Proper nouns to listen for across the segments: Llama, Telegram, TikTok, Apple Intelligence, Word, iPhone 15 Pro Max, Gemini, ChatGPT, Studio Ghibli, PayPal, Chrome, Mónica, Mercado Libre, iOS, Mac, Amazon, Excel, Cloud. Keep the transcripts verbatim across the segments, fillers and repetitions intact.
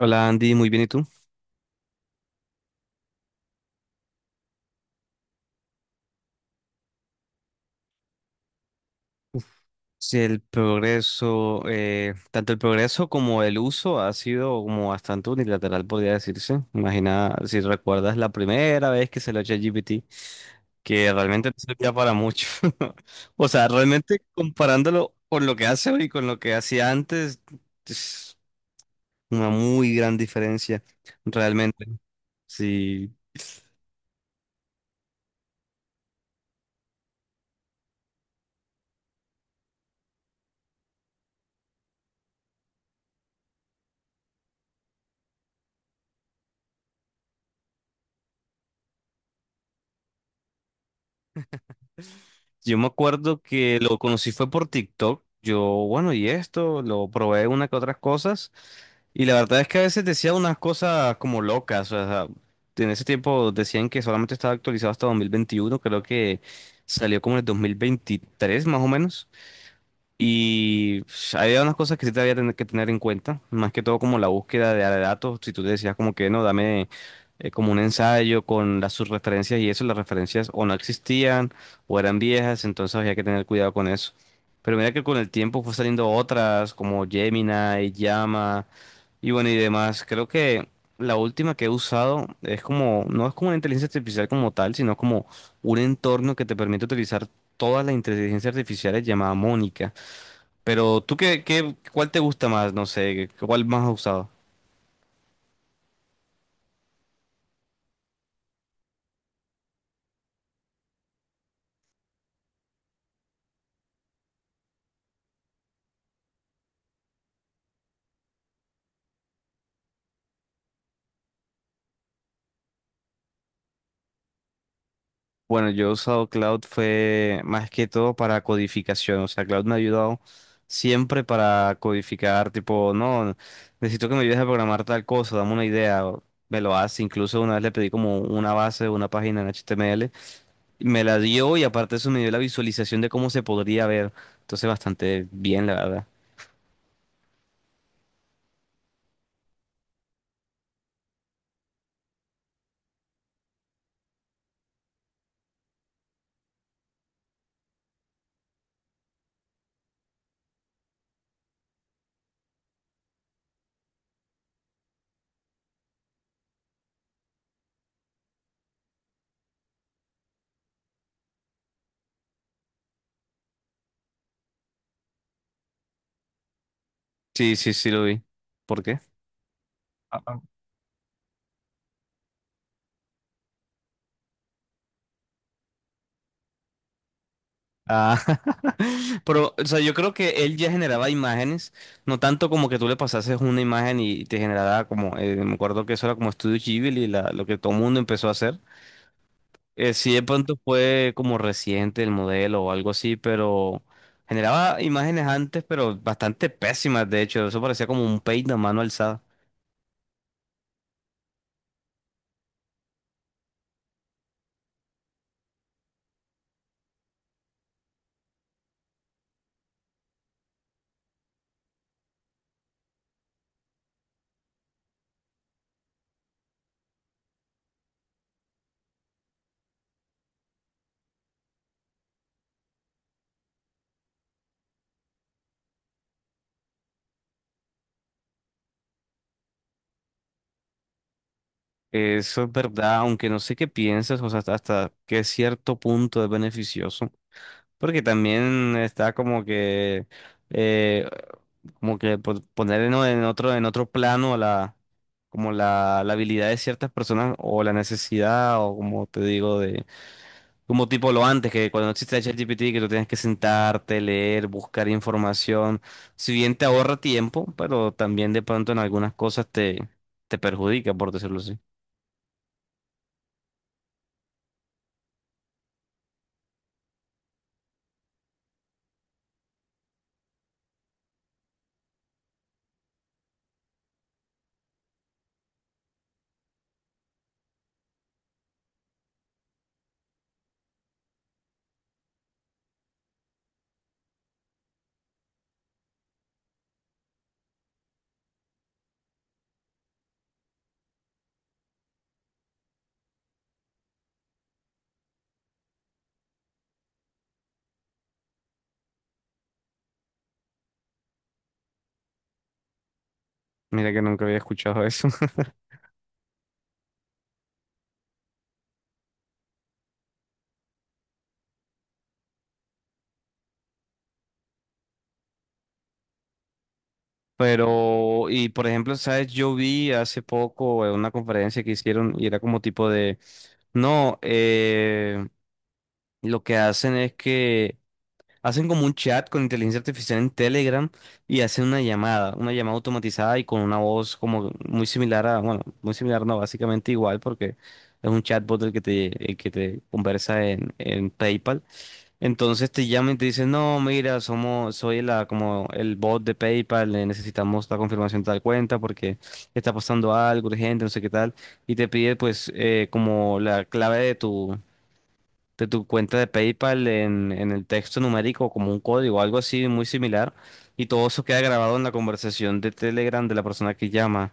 Hola Andy, muy bien, ¿y tú? Sí, el progreso, eh, tanto el progreso como el uso ha sido como bastante unilateral, podría decirse. Imagina si recuerdas la primera vez que se lo eché G P T, que realmente no servía para mucho. O sea, realmente comparándolo con lo que hace hoy y con lo que hacía antes, es una muy gran diferencia, realmente. Sí. Yo me acuerdo que lo conocí fue por TikTok. Yo, bueno, y esto, lo probé una que otras cosas. Y la verdad es que a veces decía unas cosas como locas. O sea, en ese tiempo decían que solamente estaba actualizado hasta dos mil veintiuno. Creo que salió como en el dos mil veintitrés, más o menos. Y pues, había unas cosas que sí te había tener que tener en cuenta, más que todo como la búsqueda de de datos, si tú te decías como que no, dame eh, como un ensayo con las sus referencias y eso, las referencias o no existían o eran viejas, entonces había que tener cuidado con eso. Pero mira que con el tiempo fue saliendo otras como Gemini, Llama y bueno y demás. Creo que la última que he usado es como, no es como una inteligencia artificial como tal, sino como un entorno que te permite utilizar todas las inteligencias artificiales llamada Mónica. Pero tú qué, qué, cuál te gusta más, no sé, cuál más has usado. Bueno, yo he usado Cloud fue más que todo para codificación, o sea, Cloud me ha ayudado siempre para codificar, tipo, no, necesito que me ayudes a programar tal cosa, dame una idea, o me lo hace, incluso una vez le pedí como una base, una página en H T M L, y me la dio y aparte de eso me dio la visualización de cómo se podría ver, entonces bastante bien, la verdad. Sí, sí, sí lo vi. ¿Por qué? Ah, pero, o sea, yo creo que él ya generaba imágenes, no tanto como que tú le pasases una imagen y te generaba como, eh, me acuerdo que eso era como Studio Ghibli, la, lo que todo el mundo empezó a hacer. Eh, sí, de pronto fue como reciente el modelo o algo así, pero generaba imágenes antes, pero bastante pésimas, de hecho, eso parecía como un paint a mano alzada. Eso es verdad, aunque no sé qué piensas, o sea, hasta, hasta qué cierto punto es beneficioso, porque también está como que... eh, Como que po- poner en, en otro, en otro plano la, como la, la habilidad de ciertas personas o la necesidad o como te digo, de como tipo lo antes, que cuando no existía ChatGPT, que tú tienes que sentarte, leer, buscar información. Si bien te ahorra tiempo, pero también de pronto en algunas cosas te, te perjudica, por decirlo así. Mira que nunca había escuchado eso. Pero, y por ejemplo, ¿sabes? Yo vi hace poco eh, una conferencia que hicieron y era como tipo de... No, eh, lo que hacen es que hacen como un chat con inteligencia artificial en Telegram y hacen una llamada, una llamada automatizada y con una voz como muy similar a, bueno, muy similar, no, básicamente igual porque es un chatbot el que te, el que te conversa en, en PayPal. Entonces te llaman y te dicen, no, mira, somos, soy la, como el bot de PayPal, eh, necesitamos la confirmación de tal cuenta porque está pasando algo urgente, no sé qué tal, y te pide pues eh, como la clave de tu de tu cuenta de PayPal en, en el texto numérico como un código, algo así muy similar, y todo eso queda grabado en la conversación de Telegram de la persona que llama.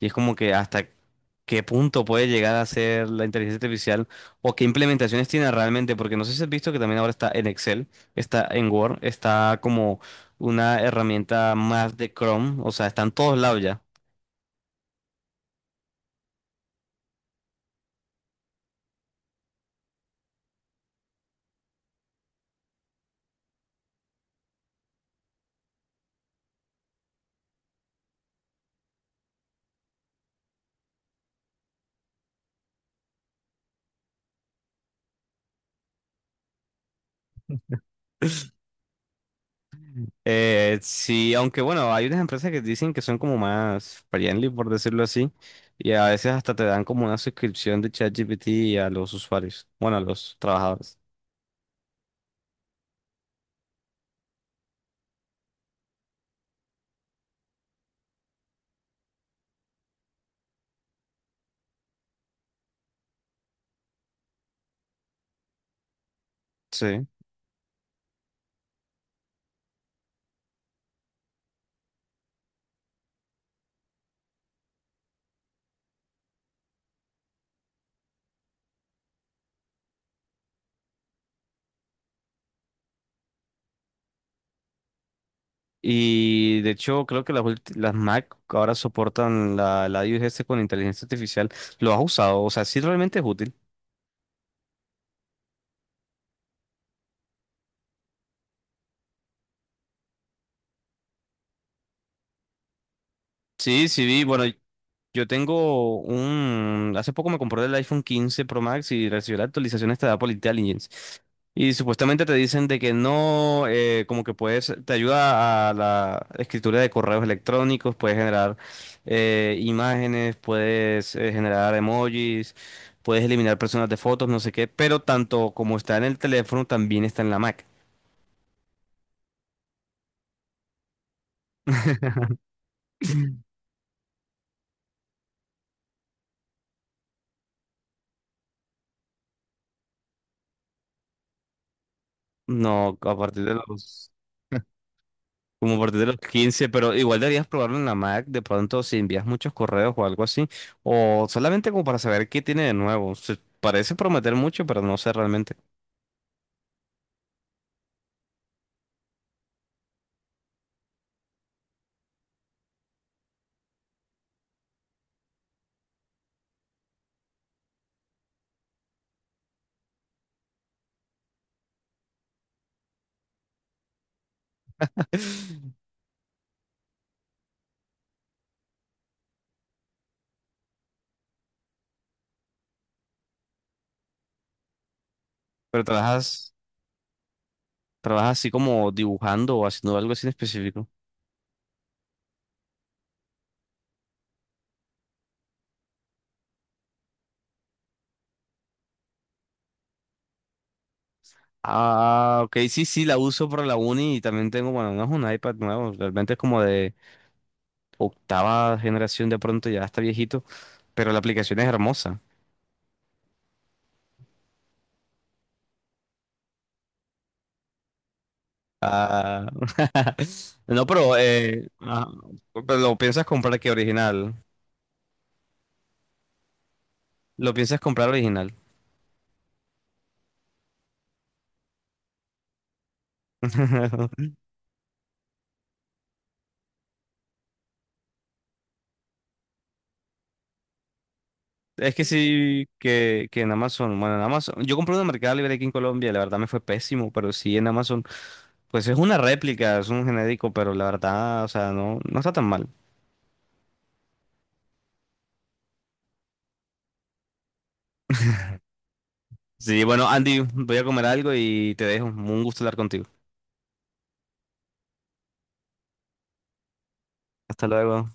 Y es como que hasta qué punto puede llegar a ser la inteligencia artificial o qué implementaciones tiene realmente, porque no sé si has visto que también ahora está en Excel, está en Word, está como una herramienta más de Chrome, o sea, está en todos lados ya. Eh, sí, aunque bueno, hay unas empresas que dicen que son como más friendly, por decirlo así, y a veces hasta te dan como una suscripción de ChatGPT a los usuarios, bueno, a los trabajadores. Sí. Y de hecho, creo que las, ulti- las Mac ahora soportan la, la iOS con inteligencia artificial. ¿Lo has usado? O sea, sí realmente es útil. Sí, sí vi, bueno. Yo tengo un... Hace poco me compré el iPhone quince Pro Max y recibió la actualización esta de Apple Intelligence. Y supuestamente te dicen de que no, eh, como que puedes, te ayuda a la escritura de correos electrónicos, puedes generar eh, imágenes, puedes eh, generar emojis, puedes eliminar personas de fotos, no sé qué, pero tanto como está en el teléfono, también está en la Mac. No, a partir de los... Como a partir de los quince pero igual deberías probarlo en la Mac, de pronto si envías muchos correos o algo así, o solamente como para saber qué tiene de nuevo. Se parece prometer mucho, pero no sé realmente. Pero trabajas, trabajas así como dibujando o haciendo algo así en específico. Ah, ok, sí, sí, la uso para la uni y también tengo, bueno, no es un iPad nuevo, realmente es como de octava generación de pronto, ya está viejito, pero la aplicación es hermosa. Ah, no, pero, eh, ah, pero lo piensas comprar que original. Lo piensas comprar original. Es que sí, que, que en Amazon, bueno, en Amazon, yo compré una Mercado Libre aquí en Colombia, la verdad me fue pésimo, pero sí en Amazon, pues es una réplica, es un genérico, pero la verdad, o sea, no, no está tan mal. Sí, bueno, Andy, voy a comer algo y te dejo. Un gusto hablar contigo. Hasta luego.